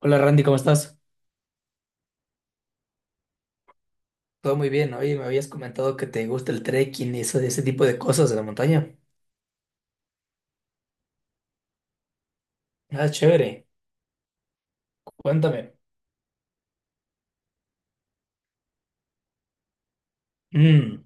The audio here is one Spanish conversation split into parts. Hola Randy, ¿cómo estás? Todo muy bien, oye, me habías comentado que te gusta el trekking y ese tipo de cosas de la montaña. Ah, chévere, cuéntame. Mm.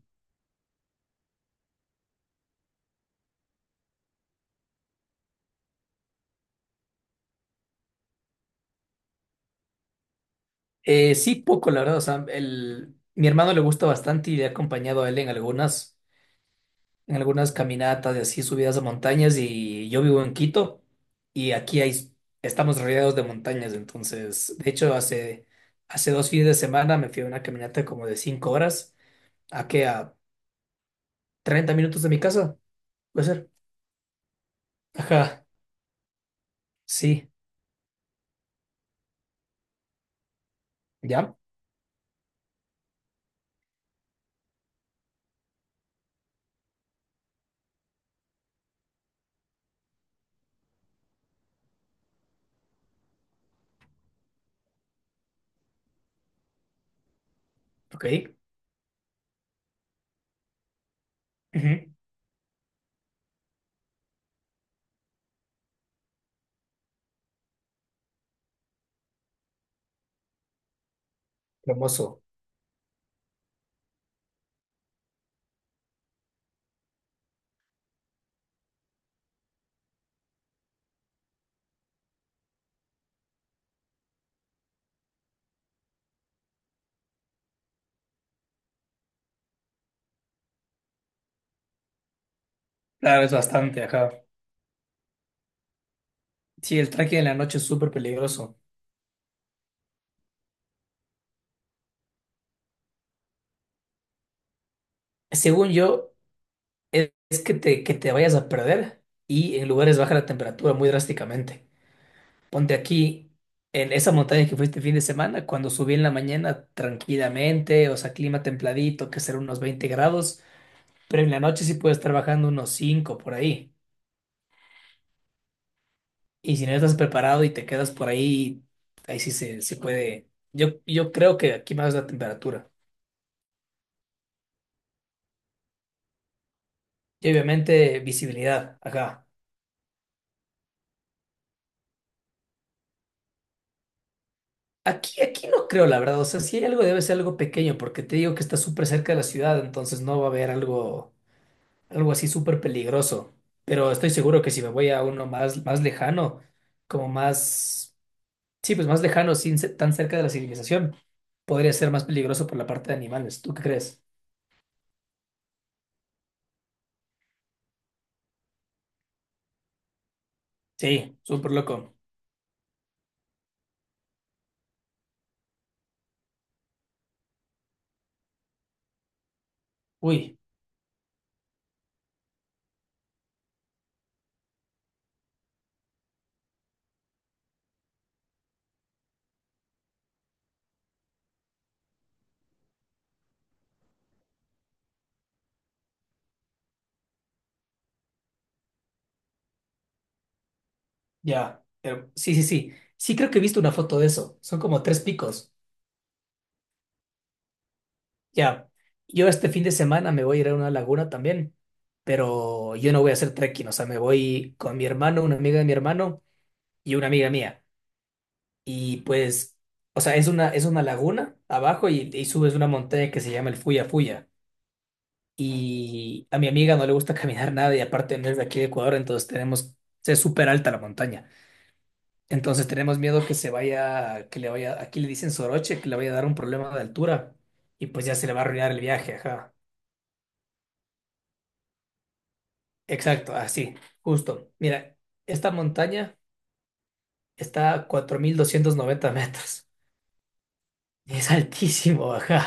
Sí, poco, la verdad, o sea, mi hermano le gusta bastante y le he acompañado a él en algunas caminatas de así, subidas a montañas y yo vivo en Quito y estamos rodeados de montañas, entonces, de hecho, hace dos fines de semana me fui a una caminata como de 5 horas, ¿a qué? A 30 minutos de mi casa, puede ser. Ajá. Sí, ya, ok. Ujú. Hermoso. Claro, es bastante, ajá. Sí, el trekking en la noche es súper peligroso. Según yo, es que te vayas a perder y en lugares baja la temperatura muy drásticamente. Ponte aquí, en esa montaña que fuiste fin de semana, cuando subí en la mañana tranquilamente, o sea, clima templadito, que será unos 20 grados, pero en la noche sí puede estar bajando unos 5 por ahí. Y si no estás preparado y te quedas por ahí, ahí sí se puede. Yo creo que aquí más la temperatura. Y obviamente visibilidad, acá. Aquí no creo, la verdad. O sea, si hay algo, debe ser algo pequeño, porque te digo que está súper cerca de la ciudad, entonces no va a haber algo así súper peligroso. Pero estoy seguro que si me voy a uno más, más lejano, como más, sí, pues más lejano, sin ser tan cerca de la civilización, podría ser más peligroso por la parte de animales. ¿Tú qué crees? Sí, súper loco. Uy. Ya, sí, sí, sí. Sí, creo que he visto una foto de eso. Son como tres picos. Ya. Yo este fin de semana me voy a ir a una laguna también, pero yo no voy a hacer trekking. O sea, me voy con mi hermano, una amiga de mi hermano y una amiga mía. Y pues, o sea, es una laguna abajo y, subes una montaña que se llama el Fuya Fuya. Y a mi amiga no le gusta caminar nada y aparte no es de aquí de Ecuador, entonces es súper alta la montaña. Entonces tenemos miedo que le vaya, aquí le dicen soroche, que le vaya a dar un problema de altura y pues ya se le va a arruinar el viaje, ajá. Exacto, así, justo. Mira, esta montaña está a 4.290 metros. Es altísimo, ajá.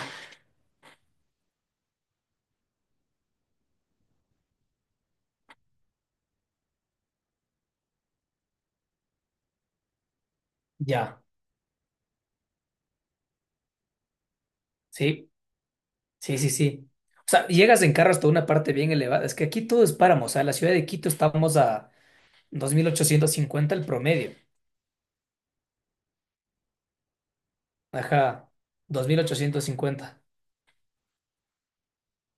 Ya, sí, sí, sí, sí. O sea, llegas en carro hasta una parte bien elevada. Es que aquí todo es páramo, o sea, la ciudad de Quito estamos a 2.850 el promedio. Ajá, 2.850.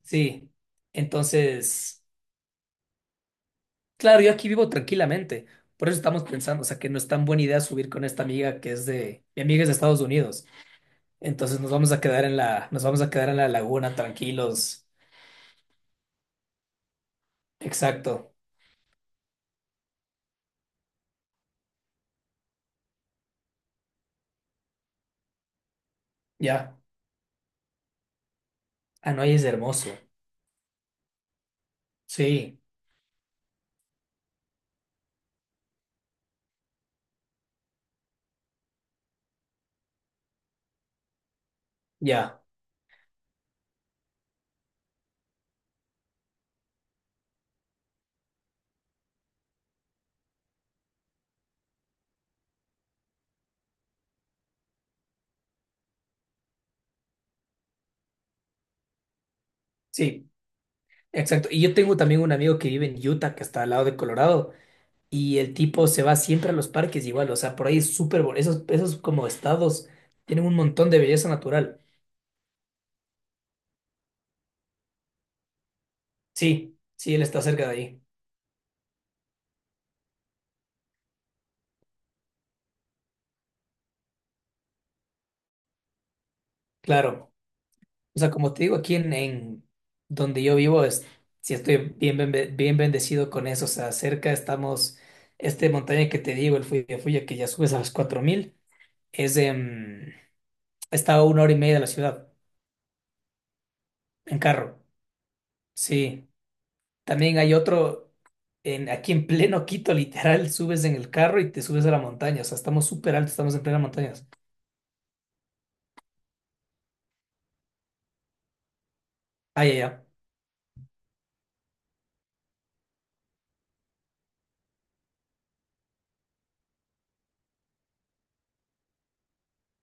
Sí, entonces... Claro, yo aquí vivo tranquilamente. Por eso estamos pensando, o sea, que no es tan buena idea subir con esta amiga mi amiga es de Estados Unidos. Entonces nos vamos a quedar en la laguna tranquilos. Exacto. Ya. Hanoi es hermoso. Sí, ya. Sí, exacto. Y yo tengo también un amigo que vive en Utah, que está al lado de Colorado, y el tipo se va siempre a los parques igual, o sea, por ahí es súper, esos como estados tienen un montón de belleza natural. Sí, sí, él está cerca de ahí. Claro. O sea, como te digo, aquí en donde yo vivo es, si estoy bien, bien bendecido con eso, o sea, cerca estamos, montaña que te digo, el Fuya Fuya, que ya subes a los 4.000 es, em, está a una hora y media de la ciudad, en carro, sí. También hay otro, aquí en pleno Quito, literal, subes en el carro y te subes a la montaña, o sea, estamos súper altos, estamos en plena montaña. Ah, ya, ya,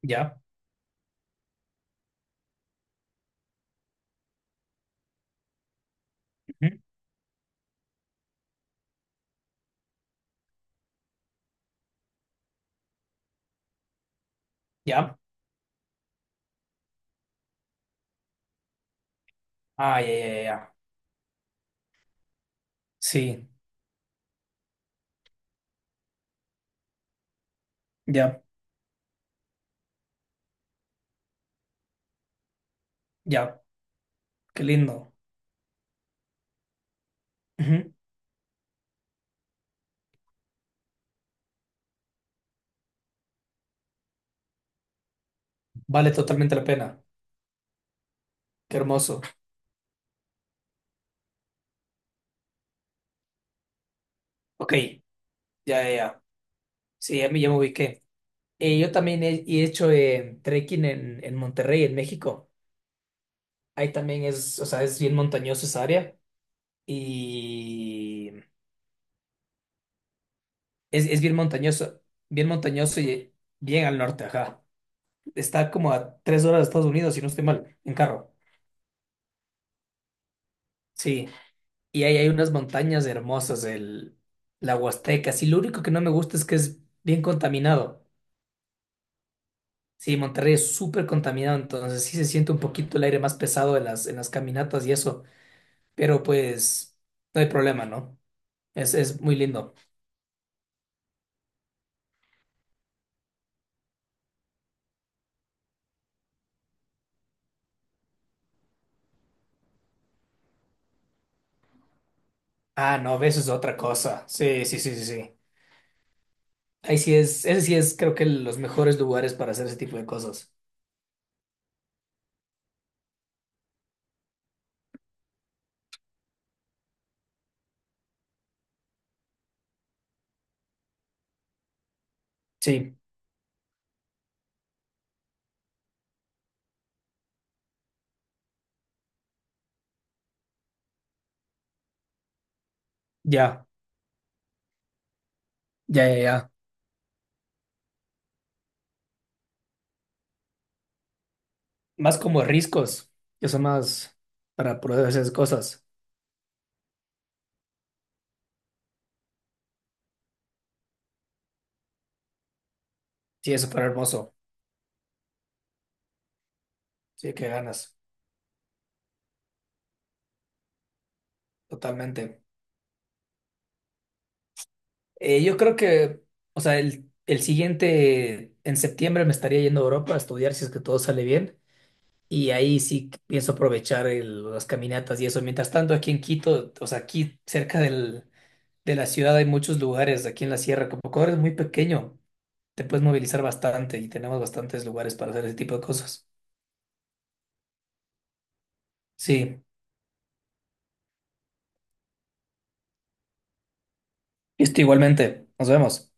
ya, ujú, ya, ah, ya, ya, ya, ya. Sí, ya, ya, qué lindo. Vale totalmente la pena. Qué hermoso. Ok, ya, ya, ya. Sí, ya me ubiqué. Yo también he hecho trekking en, Monterrey, en México. Ahí también es, o sea, es bien montañoso esa área y es bien montañoso y bien al norte, ajá. Está como a 3 horas de Estados Unidos, si no estoy mal, en carro. Sí, y ahí hay unas montañas hermosas, la Huasteca. Sí, lo único que no me gusta es que es bien contaminado. Sí, Monterrey es súper contaminado, entonces sí se siente un poquito el aire más pesado en las caminatas y eso, pero pues no hay problema, ¿no? Es muy lindo. Ah, no, ves, es otra cosa. Sí, sí, sí, sí, sí. Ese sí es, creo que los mejores lugares para hacer ese tipo de cosas. Sí, ya, ya, ya, ya. Más como riscos, que son más para poder hacer esas cosas. Sí, es súper hermoso. Sí, qué ganas, totalmente. Yo creo que, o sea, el, siguiente, en septiembre me estaría yendo a Europa a estudiar si es que todo sale bien. Y ahí sí pienso aprovechar las caminatas y eso. Mientras tanto, aquí en Quito, o sea, aquí cerca de la ciudad hay muchos lugares, aquí en la sierra, como Ecuador es muy pequeño, te puedes movilizar bastante y tenemos bastantes lugares para hacer ese tipo de cosas. Sí, listo, igualmente. Nos vemos.